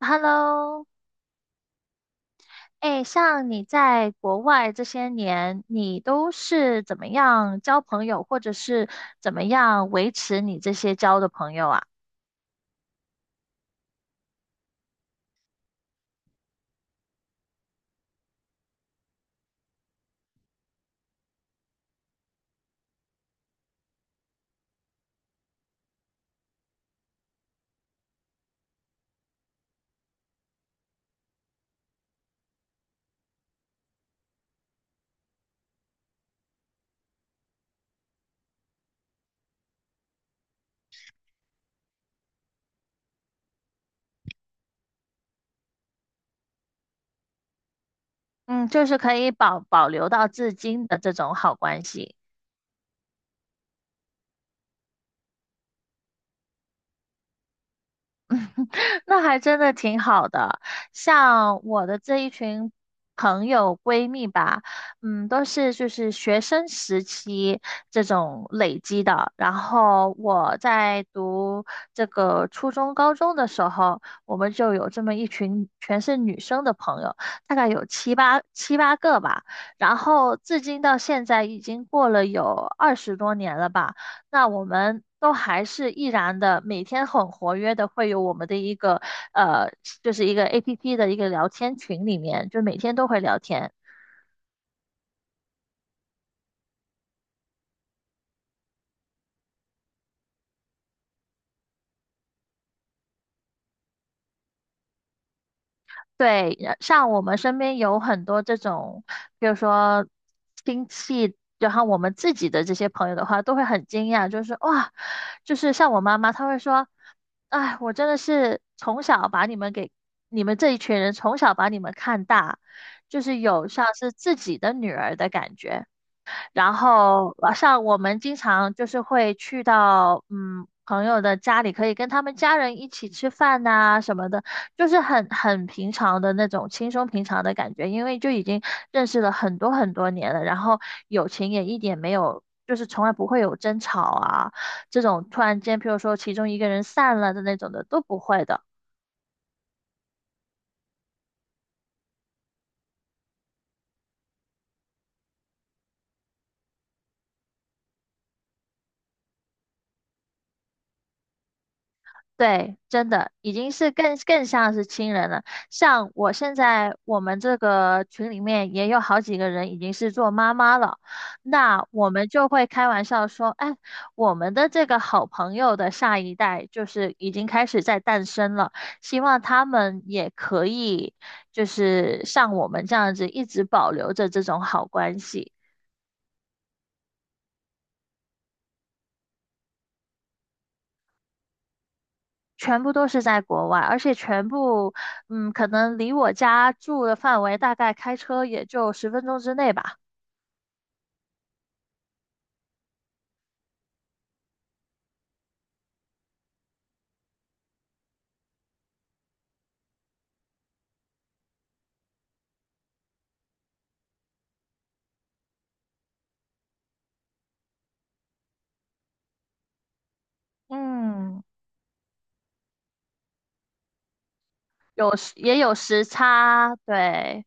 Hello，哎，像你在国外这些年，你都是怎么样交朋友，或者是怎么样维持你这些交的朋友啊？嗯，就是可以保留到至今的这种好关系。那还真的挺好的。像我的这一群朋友闺蜜吧，嗯，都是就是学生时期这种累积的。然后我在读这个初中、高中的时候，我们就有这么一群全是女生的朋友，大概有七八个吧。然后至今到现在已经过了有二十多年了吧。那我们都还是依然的每天很活跃的，会有我们的一个呃，就是一个 APP 的一个聊天群里面，就每天都会聊天。对，像我们身边有很多这种，比如说亲戚，然后我们自己的这些朋友的话，都会很惊讶，就是哇，就是像我妈妈，她会说，哎，我真的是从小把你们给你们这一群人从小把你们看大，就是有像是自己的女儿的感觉。然后晚上我们经常就是会去到嗯朋友的家里，可以跟他们家人一起吃饭呐、什么的，就是很平常的那种轻松平常的感觉，因为就已经认识了很多很多年了，然后友情也一点没有。就是从来不会有争吵啊，这种突然间，譬如说其中一个人散了的那种的都不会的。对，真的已经是更像是亲人了。像我现在我们这个群里面也有好几个人已经是做妈妈了，那我们就会开玩笑说，哎，我们的这个好朋友的下一代就是已经开始在诞生了，希望他们也可以就是像我们这样子一直保留着这种好关系。全部都是在国外，而且全部，嗯，可能离我家住的范围大概开车也就十分钟之内吧，嗯。有时也有时差，对，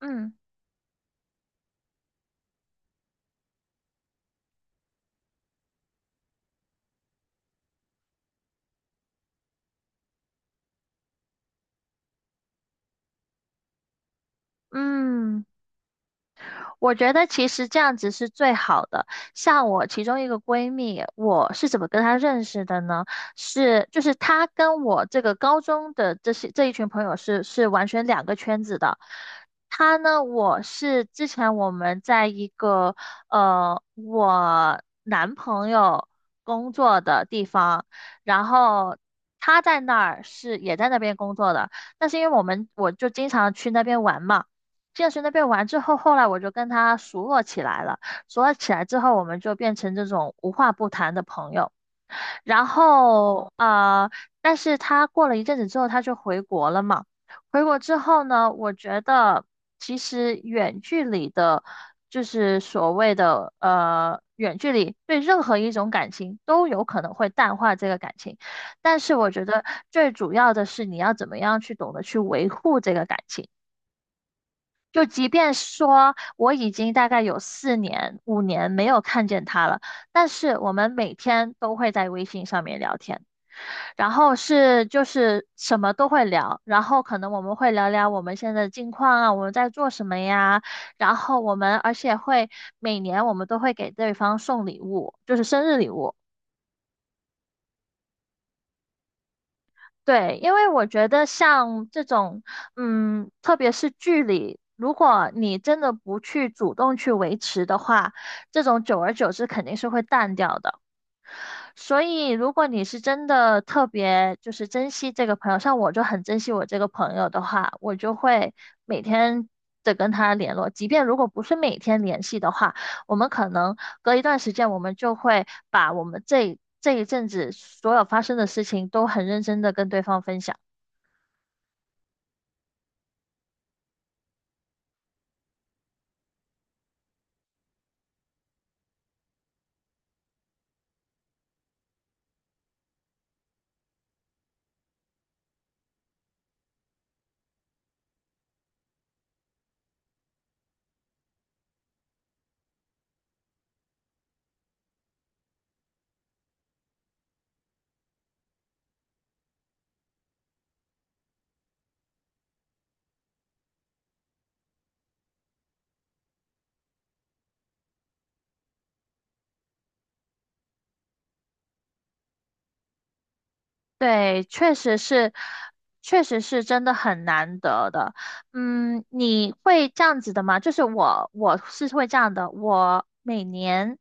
嗯嗯。我觉得其实这样子是最好的。像我其中一个闺蜜，我是怎么跟她认识的呢？是就是她跟我这个高中的这些这一群朋友是完全两个圈子的。她呢，我是之前我们在一个我男朋友工作的地方，然后她在那儿是也在那边工作的，但是因为我就经常去那边玩嘛。健身那边玩之后，后来我就跟他熟络起来了。熟络起来之后，我们就变成这种无话不谈的朋友。然后但是他过了一阵子之后，他就回国了嘛。回国之后呢，我觉得其实远距离的，就是所谓的远距离，对任何一种感情都有可能会淡化这个感情。但是我觉得最主要的是你要怎么样去懂得去维护这个感情。就即便说我已经大概有四年、五年没有看见他了，但是我们每天都会在微信上面聊天，然后就是什么都会聊，然后可能我们会聊聊我们现在的近况啊，我们在做什么呀，然后我们而且会每年我们都会给对方送礼物，就是生日礼物。对，因为我觉得像这种，嗯，特别是距离，如果你真的不去主动去维持的话，这种久而久之肯定是会淡掉的。所以，如果你是真的特别就是珍惜这个朋友，像我就很珍惜我这个朋友的话，我就会每天的跟他联络，即便如果不是每天联系的话，我们可能隔一段时间，我们就会把我们这一阵子所有发生的事情都很认真的跟对方分享。对，确实是，确实是真的很难得的。嗯，你会这样子的吗？我是会这样的。我每年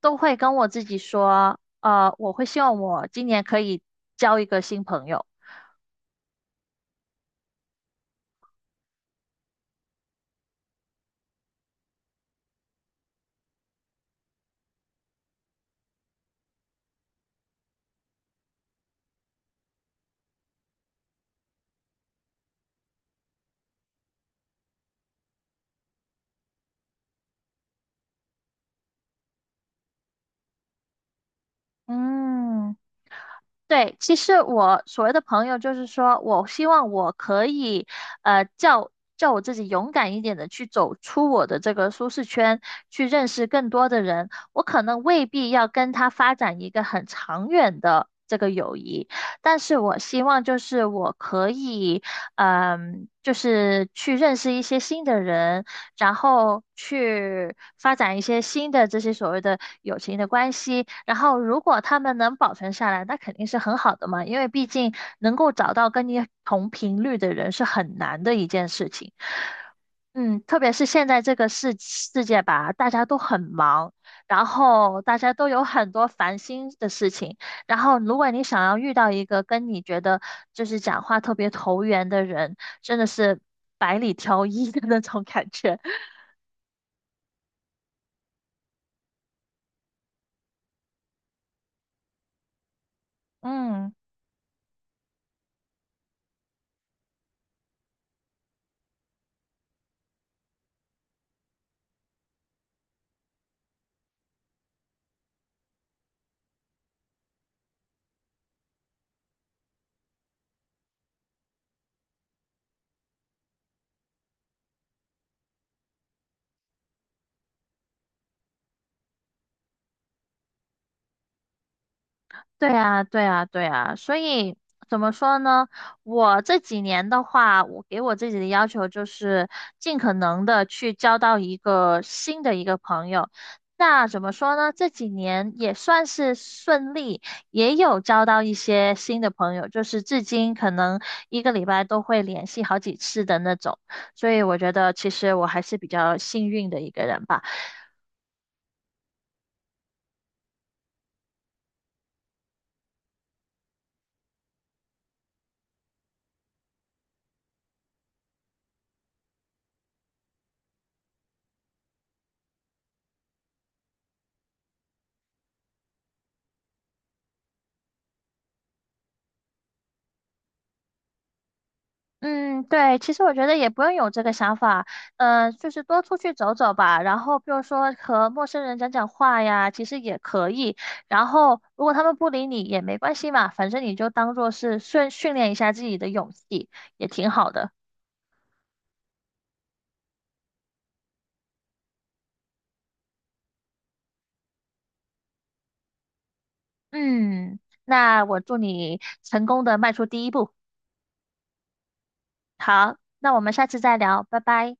都会跟我自己说，我会希望我今年可以交一个新朋友。嗯。对，其实我所谓的朋友，就是说我希望我可以，呃，叫叫我自己勇敢一点的去走出我的这个舒适圈，去认识更多的人。我可能未必要跟他发展一个很长远的这个友谊，但是我希望就是我可以，嗯，就是去认识一些新的人，然后去发展一些新的这些所谓的友情的关系。然后，如果他们能保存下来，那肯定是很好的嘛，因为毕竟能够找到跟你同频率的人是很难的一件事情。嗯，特别是现在这个世界吧，大家都很忙，然后大家都有很多烦心的事情，然后，如果你想要遇到一个跟你觉得就是讲话特别投缘的人，真的是百里挑一的那种感觉。嗯。对啊，对啊，对啊，所以怎么说呢？我这几年的话，我给我自己的要求就是尽可能的去交到一个新的一个朋友。那怎么说呢？这几年也算是顺利，也有交到一些新的朋友，就是至今可能一个礼拜都会联系好几次的那种。所以我觉得其实我还是比较幸运的一个人吧。嗯，对，其实我觉得也不用有这个想法，就是多出去走走吧，然后比如说和陌生人讲讲话呀，其实也可以。然后如果他们不理你也没关系嘛，反正你就当做是训练一下自己的勇气，也挺好的。嗯，那我祝你成功的迈出第一步。好，那我们下次再聊，拜拜。